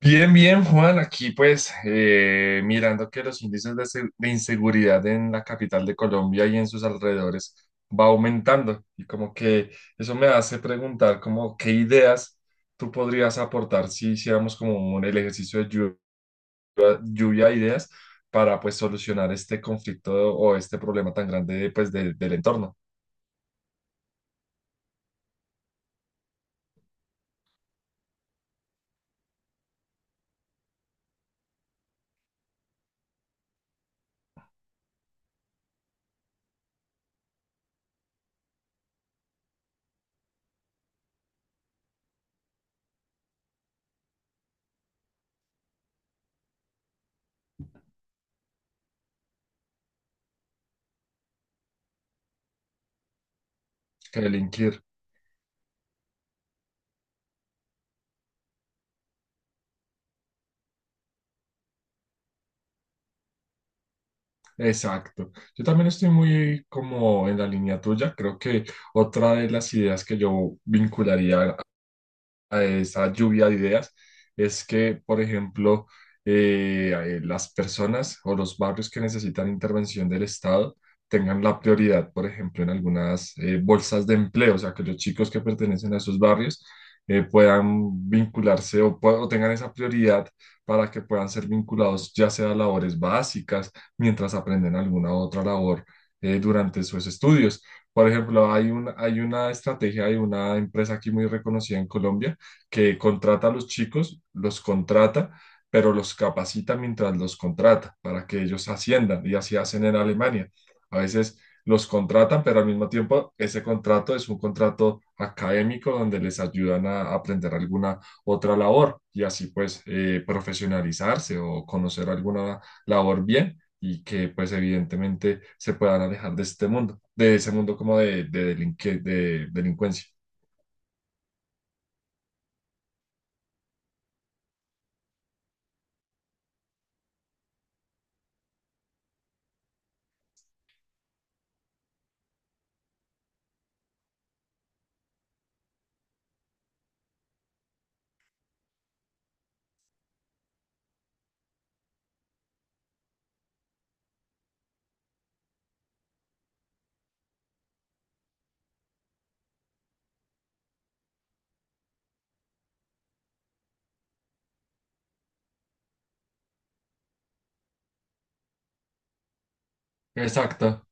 Bien, bien, Juan. Aquí pues mirando que los índices de inseguridad en la capital de Colombia y en sus alrededores va aumentando, y como que eso me hace preguntar como qué ideas tú podrías aportar si hiciéramos el ejercicio de lluvia de ideas para pues solucionar este conflicto o este problema tan grande pues del entorno. Que delinquir. Exacto. Yo también estoy muy como en la línea tuya. Creo que otra de las ideas que yo vincularía a esa lluvia de ideas es que, por ejemplo, las personas o los barrios que necesitan intervención del Estado tengan la prioridad, por ejemplo, en algunas bolsas de empleo, o sea, que los chicos que pertenecen a esos barrios puedan vincularse o tengan esa prioridad para que puedan ser vinculados ya sea a labores básicas mientras aprenden alguna otra labor durante sus estudios. Por ejemplo, hay un, hay una estrategia, hay una empresa aquí muy reconocida en Colombia que contrata a los chicos, los contrata, pero los capacita mientras los contrata para que ellos asciendan, y así hacen en Alemania. A veces los contratan, pero al mismo tiempo ese contrato es un contrato académico donde les ayudan a aprender alguna otra labor, y así pues profesionalizarse o conocer alguna labor bien y que pues evidentemente se puedan alejar de este mundo, de ese mundo como de delincuencia. Exacto.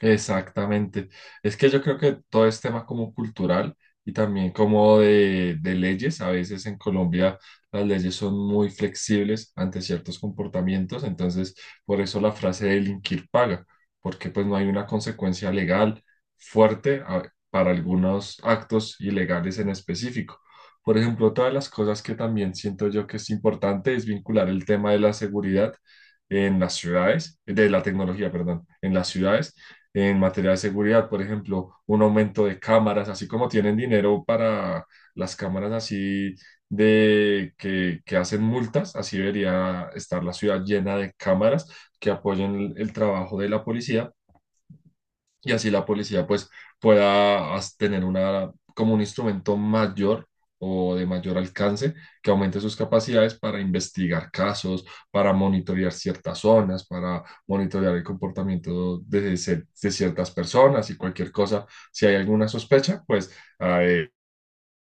Exactamente. Es que yo creo que todo es tema como cultural y también como de leyes. A veces en Colombia las leyes son muy flexibles ante ciertos comportamientos, entonces por eso la frase delinquir paga, porque pues no hay una consecuencia legal fuerte para algunos actos ilegales en específico. Por ejemplo, otra de las cosas que también siento yo que es importante es vincular el tema de la seguridad en las ciudades, de la tecnología, perdón, en las ciudades en materia de seguridad, por ejemplo, un aumento de cámaras, así como tienen dinero para las cámaras así de que hacen multas, así debería estar la ciudad llena de cámaras que apoyen el trabajo de la policía, y así la policía pues pueda tener como un instrumento mayor o de mayor alcance que aumente sus capacidades para investigar casos, para monitorear ciertas zonas, para monitorear el comportamiento de ciertas personas y cualquier cosa. Si hay alguna sospecha, pues ah, eh,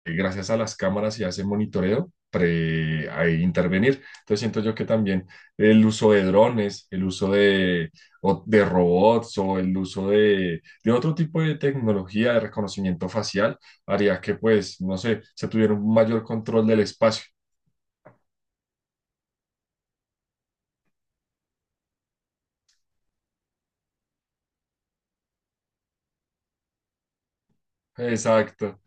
gracias a las cámaras y a ese monitoreo, a intervenir. Entonces siento yo que también el uso de drones, el uso de robots o el uso de otro tipo de tecnología de reconocimiento facial haría que, pues, no sé, se tuviera un mayor control del espacio. Exacto.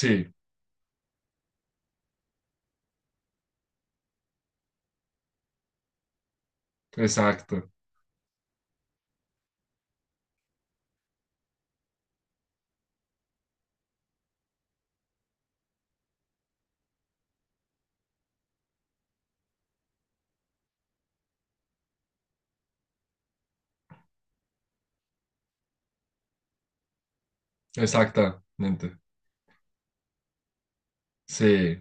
Sí, exacto, exactamente. Sí.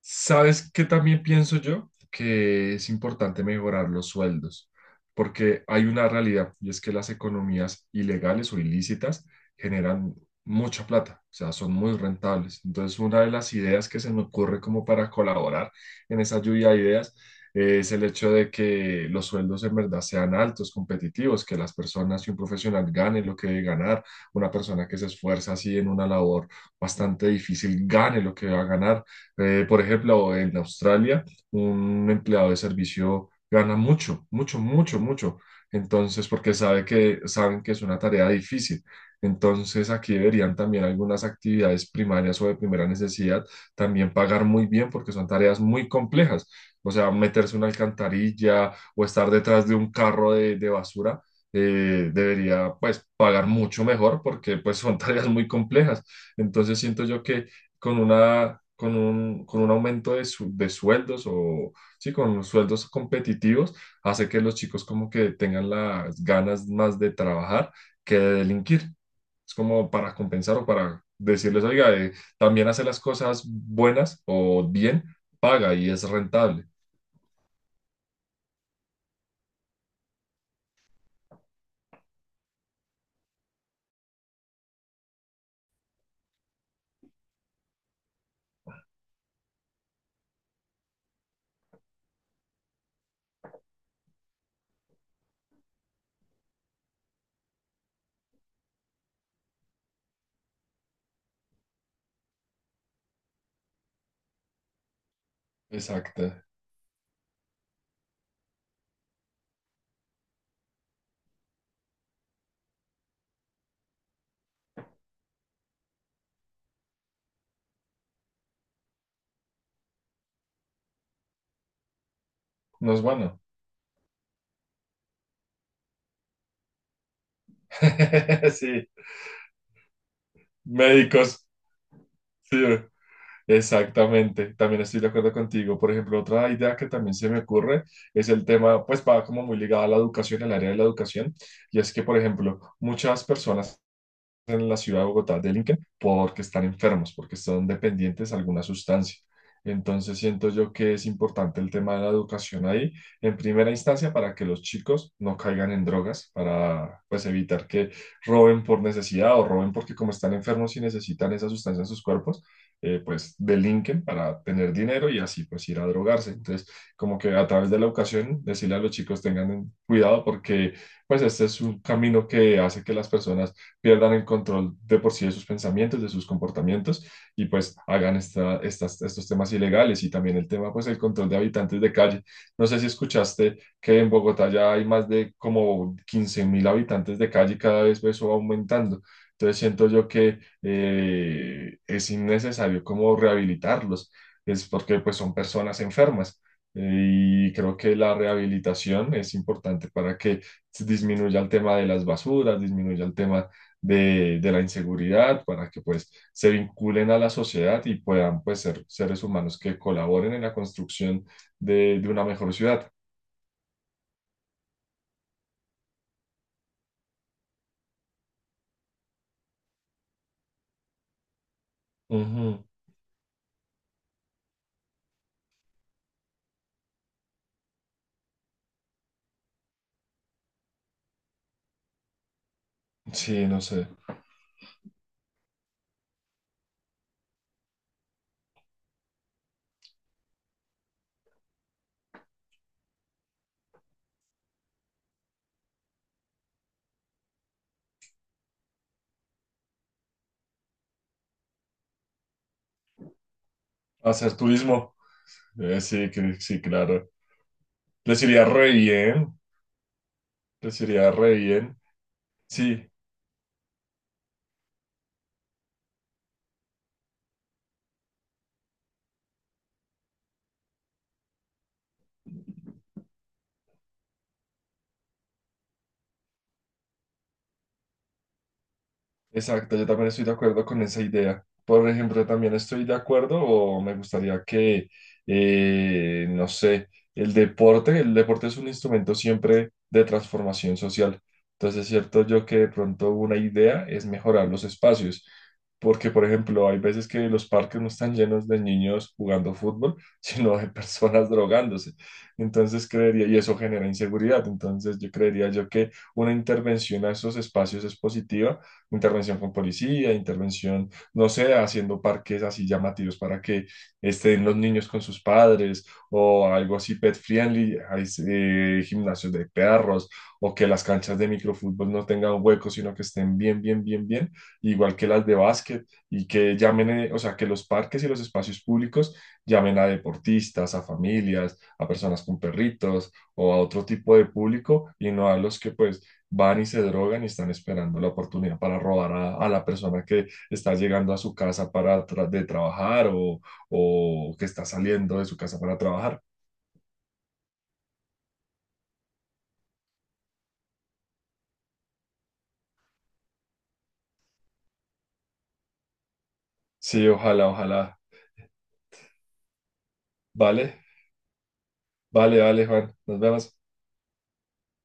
¿Sabes qué también pienso yo? Que es importante mejorar los sueldos, porque hay una realidad y es que las economías ilegales o ilícitas generan mucha plata, o sea, son muy rentables. Entonces, una de las ideas que se me ocurre como para colaborar en esa lluvia de ideas es el hecho de que los sueldos en verdad sean altos, competitivos, que las personas y un profesional gane lo que debe ganar, una persona que se esfuerza así en una labor bastante difícil gane lo que va a ganar, por ejemplo, en Australia, un empleado de servicio gana mucho, mucho, mucho, mucho. Entonces, porque saben que es una tarea difícil. Entonces, aquí deberían también algunas actividades primarias o de primera necesidad también pagar muy bien porque son tareas muy complejas. O sea, meterse una alcantarilla o estar detrás de un carro de basura, debería pues pagar mucho mejor porque pues son tareas muy complejas. Entonces siento yo que con un aumento de sueldos, o sí, con sueldos competitivos, hace que los chicos como que tengan las ganas más de trabajar que de delinquir. Es como para compensar o para decirles, oiga, también hace las cosas buenas o bien, paga y es rentable. Exacto. No es bueno. Sí, médicos. Sí. Exactamente, también estoy de acuerdo contigo. Por ejemplo, otra idea que también se me ocurre es el tema, pues va como muy ligado a la educación, al área de la educación, y es que, por ejemplo, muchas personas en la ciudad de Bogotá del Inca porque están enfermos, porque son dependientes de alguna sustancia. Entonces siento yo que es importante el tema de la educación ahí, en primera instancia, para que los chicos no caigan en drogas, para pues evitar que roben por necesidad o roben porque como están enfermos y necesitan esa sustancia en sus cuerpos, pues delinquen para tener dinero y así pues ir a drogarse. Entonces, como que a través de la educación, decirle a los chicos tengan cuidado porque pues este es un camino que hace que las personas pierdan el control de por sí de sus pensamientos, de sus comportamientos y pues hagan estos temas ilegales y también el tema, pues, el control de habitantes de calle. No sé si escuchaste que en Bogotá ya hay más de como 15.000 habitantes de calle y cada vez eso va aumentando. Entonces siento yo que es innecesario como rehabilitarlos, es porque pues son personas enfermas. Y creo que la rehabilitación es importante para que disminuya el tema de las basuras, disminuya el tema de la inseguridad para que pues se vinculen a la sociedad y puedan pues ser seres humanos que colaboren en la construcción de una mejor ciudad. Ujú. Sí, no sé. Hacer turismo. Sí, sí, claro. Les iría re bien. Les iría re bien. Sí, exacto, yo también estoy de acuerdo con esa idea. Por ejemplo, también estoy de acuerdo o me gustaría que, no sé, el deporte es un instrumento siempre de transformación social. Entonces, es cierto yo que de pronto una idea es mejorar los espacios, porque, por ejemplo, hay veces que los parques no están llenos de niños jugando fútbol, sino de personas drogándose. Entonces, creería, y eso genera inseguridad. Entonces, yo creería yo que una intervención a esos espacios es positiva, intervención con policía, intervención, no sé, haciendo parques así llamativos para que estén los niños con sus padres o algo así pet friendly, hay gimnasios de perros, o que las canchas de microfútbol no tengan huecos, sino que estén bien, bien, bien, bien, igual que las de básquet, y que llamen, o sea, que los parques y los espacios públicos llamen a deportistas, a familias, a personas con perritos o a otro tipo de público y no a los que pues van y se drogan y están esperando la oportunidad para robar a la persona que está llegando a su casa para de trabajar, o que está saliendo de su casa para trabajar. Sí, ojalá, ojalá. Vale, vale, vale, Juan. Nos vemos.